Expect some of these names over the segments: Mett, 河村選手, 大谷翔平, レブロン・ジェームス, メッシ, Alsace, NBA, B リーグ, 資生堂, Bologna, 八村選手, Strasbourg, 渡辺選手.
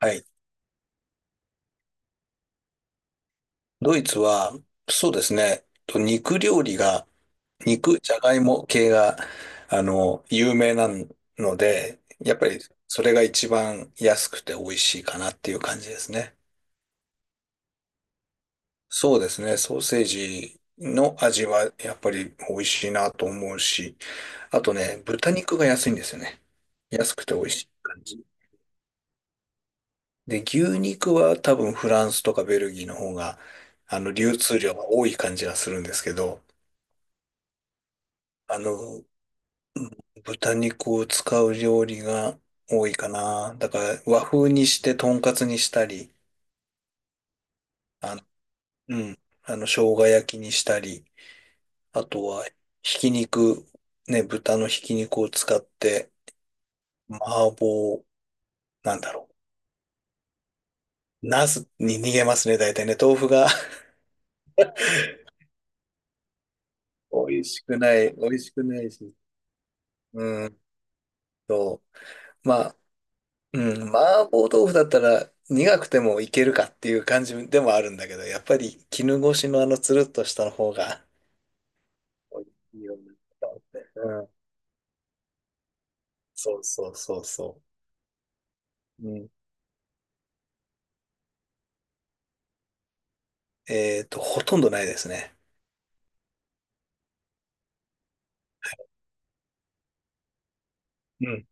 はい。ドイツは、そうですね、と肉料理が、肉、じゃがいも系が、有名なので、やっぱりそれが一番安くて美味しいかなっていう感じですね。そうですね、ソーセージの味はやっぱり美味しいなと思うし、あとね、豚肉が安いんですよね。安くて美味しい感じ。で、牛肉は多分フランスとかベルギーの方が、流通量が多い感じがするんですけど、あの、豚肉を使う料理が多いかな。だから和風にしてとんかつにしたり、あの、生姜焼きにしたり、あとはひき肉、ね、豚のひき肉を使って、麻婆、なんだろう。茄子に逃げますね、大体ね。豆腐が 美味しくない、美味しくない。うんと、まうん、麻婆豆腐だったら苦くてもいけるかっていう感じでもあるんだけど、やっぱり絹ごしのあのつるっとした方が美味しいよね。うん。そうそうそうそう。うん。えっと、ほとんどないですね。うん。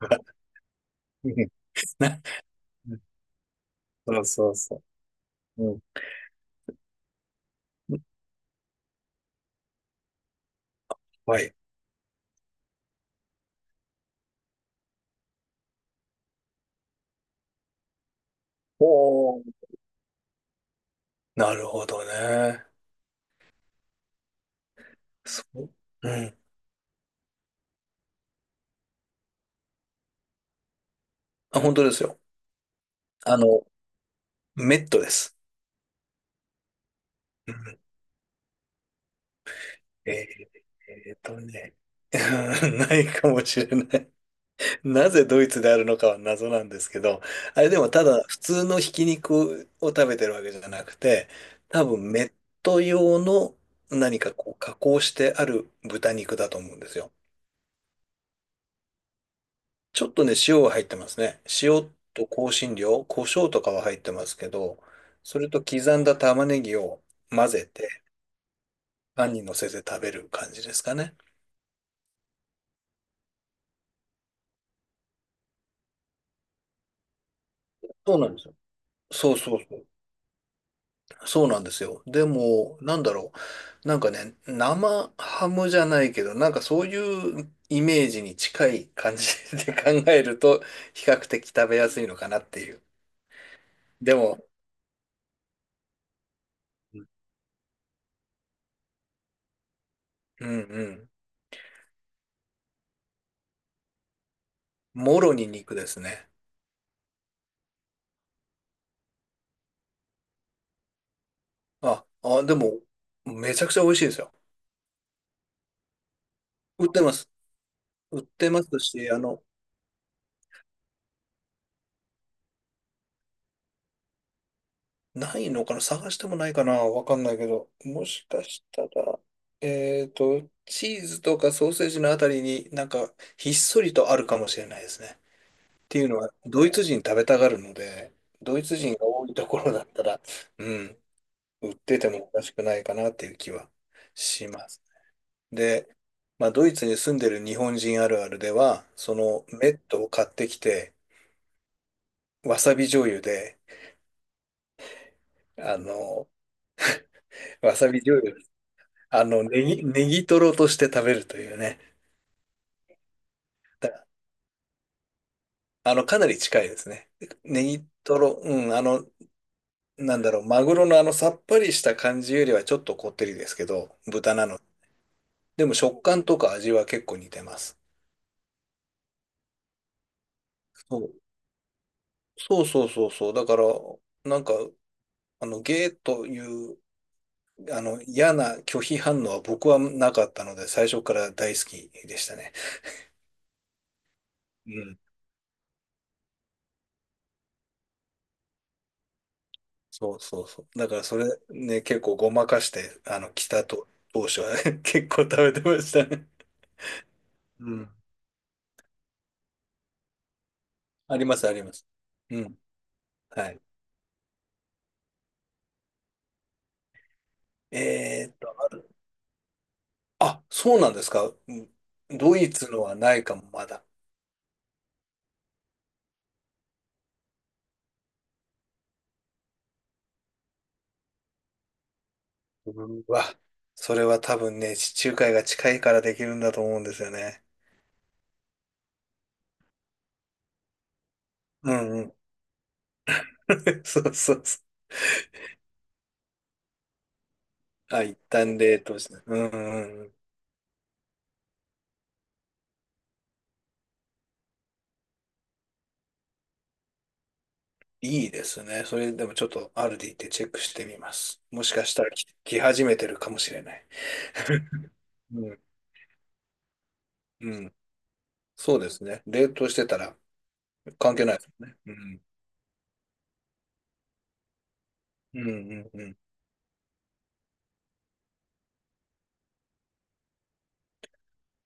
うんな そうそうそう。うん。はい。おー。なるほどね。そう。うん。あ、本当ですよ。あの、メットです。うん。えーえーっとね。ないかもしれない。なぜドイツであるのかは謎なんですけど、あれでもただ普通のひき肉を食べてるわけじゃなくて、多分メット用の何かこう加工してある豚肉だと思うんですよ。ちょっとね、塩が入ってますね。塩と香辛料、胡椒とかは入ってますけど、それと刻んだ玉ねぎを混ぜてパンに乗せて食べる感じですかね。そうなんですよ。そうそうそう。そうなんですよ。でも、なんだろう。なんかね、生ハムじゃないけど、なんかそういうイメージに近い感じで 考えると、比較的食べやすいのかなっていう。でも、うんうん。もろに肉ですね。あ、あ、でも、めちゃくちゃ美味しいですよ。売ってます。売ってますし、ないのかな探してもないかなわかんないけど。もしかしたら、えっと、チーズとかソーセージのあたりになんかひっそりとあるかもしれないですね。っていうのは、ドイツ人食べたがるので、ドイツ人が多いところだったら、うん、売っててもおかしくないかなっていう気はします。で、まあ、ドイツに住んでる日本人あるあるでは、そのメットを買ってきて、わさび醤油で、あの、わさび醤油あの、ネギ、ネギトロとして食べるというね。だあの、かなり近いですね。ネギトロ、うん、なんだろう、マグロのあのさっぱりした感じよりはちょっとこってりですけど、豚なの。でも食感とか味は結構似てます。そう、そうそうそうそう。だから、なんか、ゲーという、嫌な拒否反応は僕はなかったので、最初から大好きでしたね。うんそうそうそう。だからそれね、結構ごまかして、来たと、当初は 結構食べてましたね。うん。あります、あります。うん。はい。えーっと、あ、そうなんですか。うんドイツのはないかも、まだ。うわ、それは多分ね、地中海が近いからできるんだと思うんですよね。うんうん。そうそうそう。あ、一旦冷凍して。うんうんうん。いいですね。それでもちょっとアルディってチェックしてみます。もしかしたら来始めてるかもしれない。うん。うん。そうですね。冷凍してたら関係ないですもんね。うん。うんうんうん。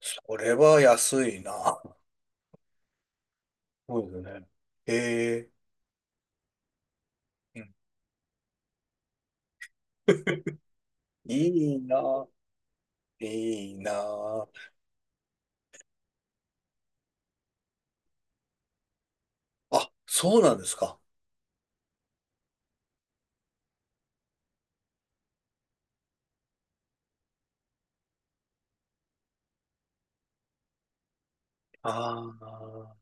それは安いな。そうですね。へえ。うんいいな。いいな。あ、そうなんですか。ああ。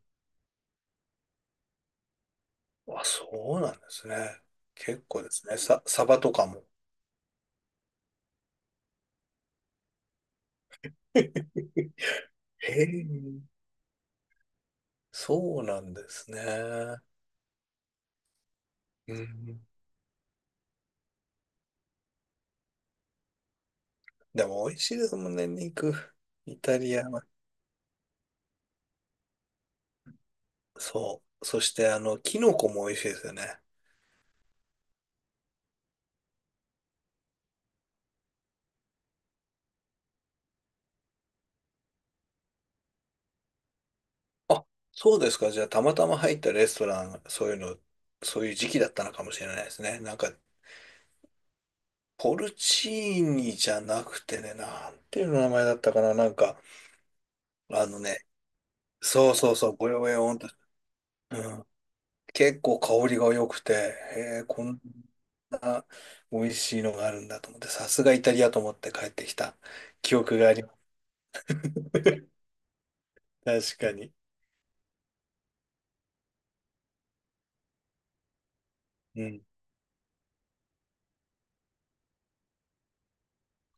あ、そうなんですね。結構ですね。さ、サバとかも。へえ。そうなんですね。うん。でも美味しいですもんね、肉。イタリアは。そう。そして、キノコも美味しいですよね。あ、そうですか。じゃあ、たまたま入ったレストラン、そういうの、そういう時期だったのかもしれないですね。なんか、ポルチーニじゃなくてね、なんていう名前だったかな。なんか、あのね、そうそうそう、ごよごよんと、うん。結構香りが良くて、へえ、こんな美味しいのがあるんだと思って、さすがイタリアと思って帰ってきた記憶があります。確かに。うん。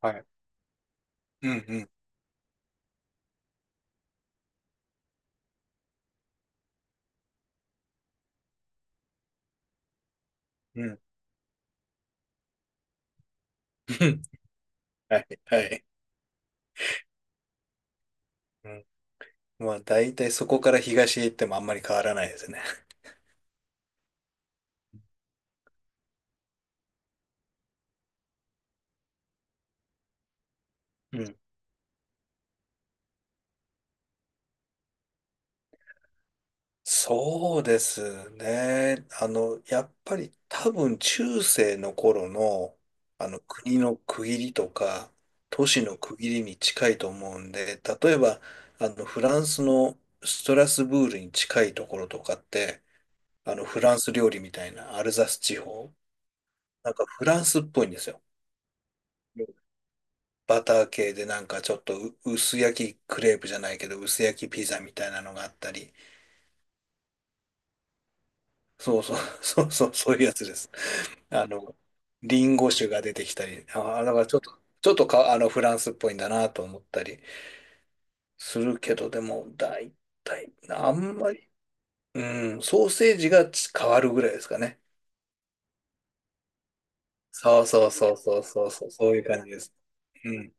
はい。うんうん。うん。はい、はい。うんまあ、大体そこから東へ行ってもあんまり変わらないですね。うん。そうですね。やっぱり多分中世の頃の、国の区切りとか、都市の区切りに近いと思うんで、例えば、フランスのストラスブールに近いところとかって、フランス料理みたいなアルザス地方、なんかフランスっぽいんですよ。バター系でなんかちょっとう薄焼きクレープじゃないけど、薄焼きピザみたいなのがあったり、そうそう、そうそう、そういうやつです。あの、リンゴ酒が出てきたり、ああ、だからちょっと、ちょっとか、フランスっぽいんだなと思ったりするけど、でも、大体、あんまり、うん、ソーセージがち変わるぐらいですかね。そうそうそうそうそうそう、そういう感じです。うん。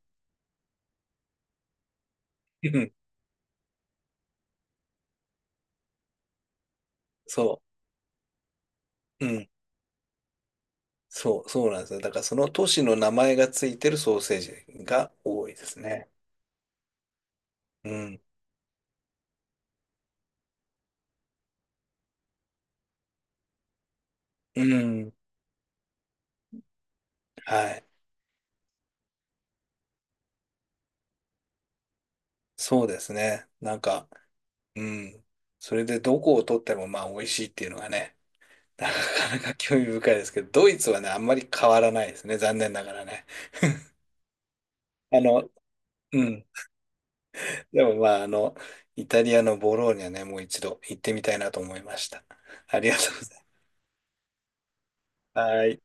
うんそう。うん。そう、そうなんですよ。だからその都市の名前がついてるソーセージが多いですね。うん。うん。はい。そうですね。なんか、うん。それでどこを取ってもまあ美味しいっていうのがね、なかなか興味深いですけど、ドイツはね、あんまり変わらないですね。残念ながらね。あの、うん。でもまあ、イタリアのボローニャね、もう一度行ってみたいなと思いました。ありがとうございます。はい。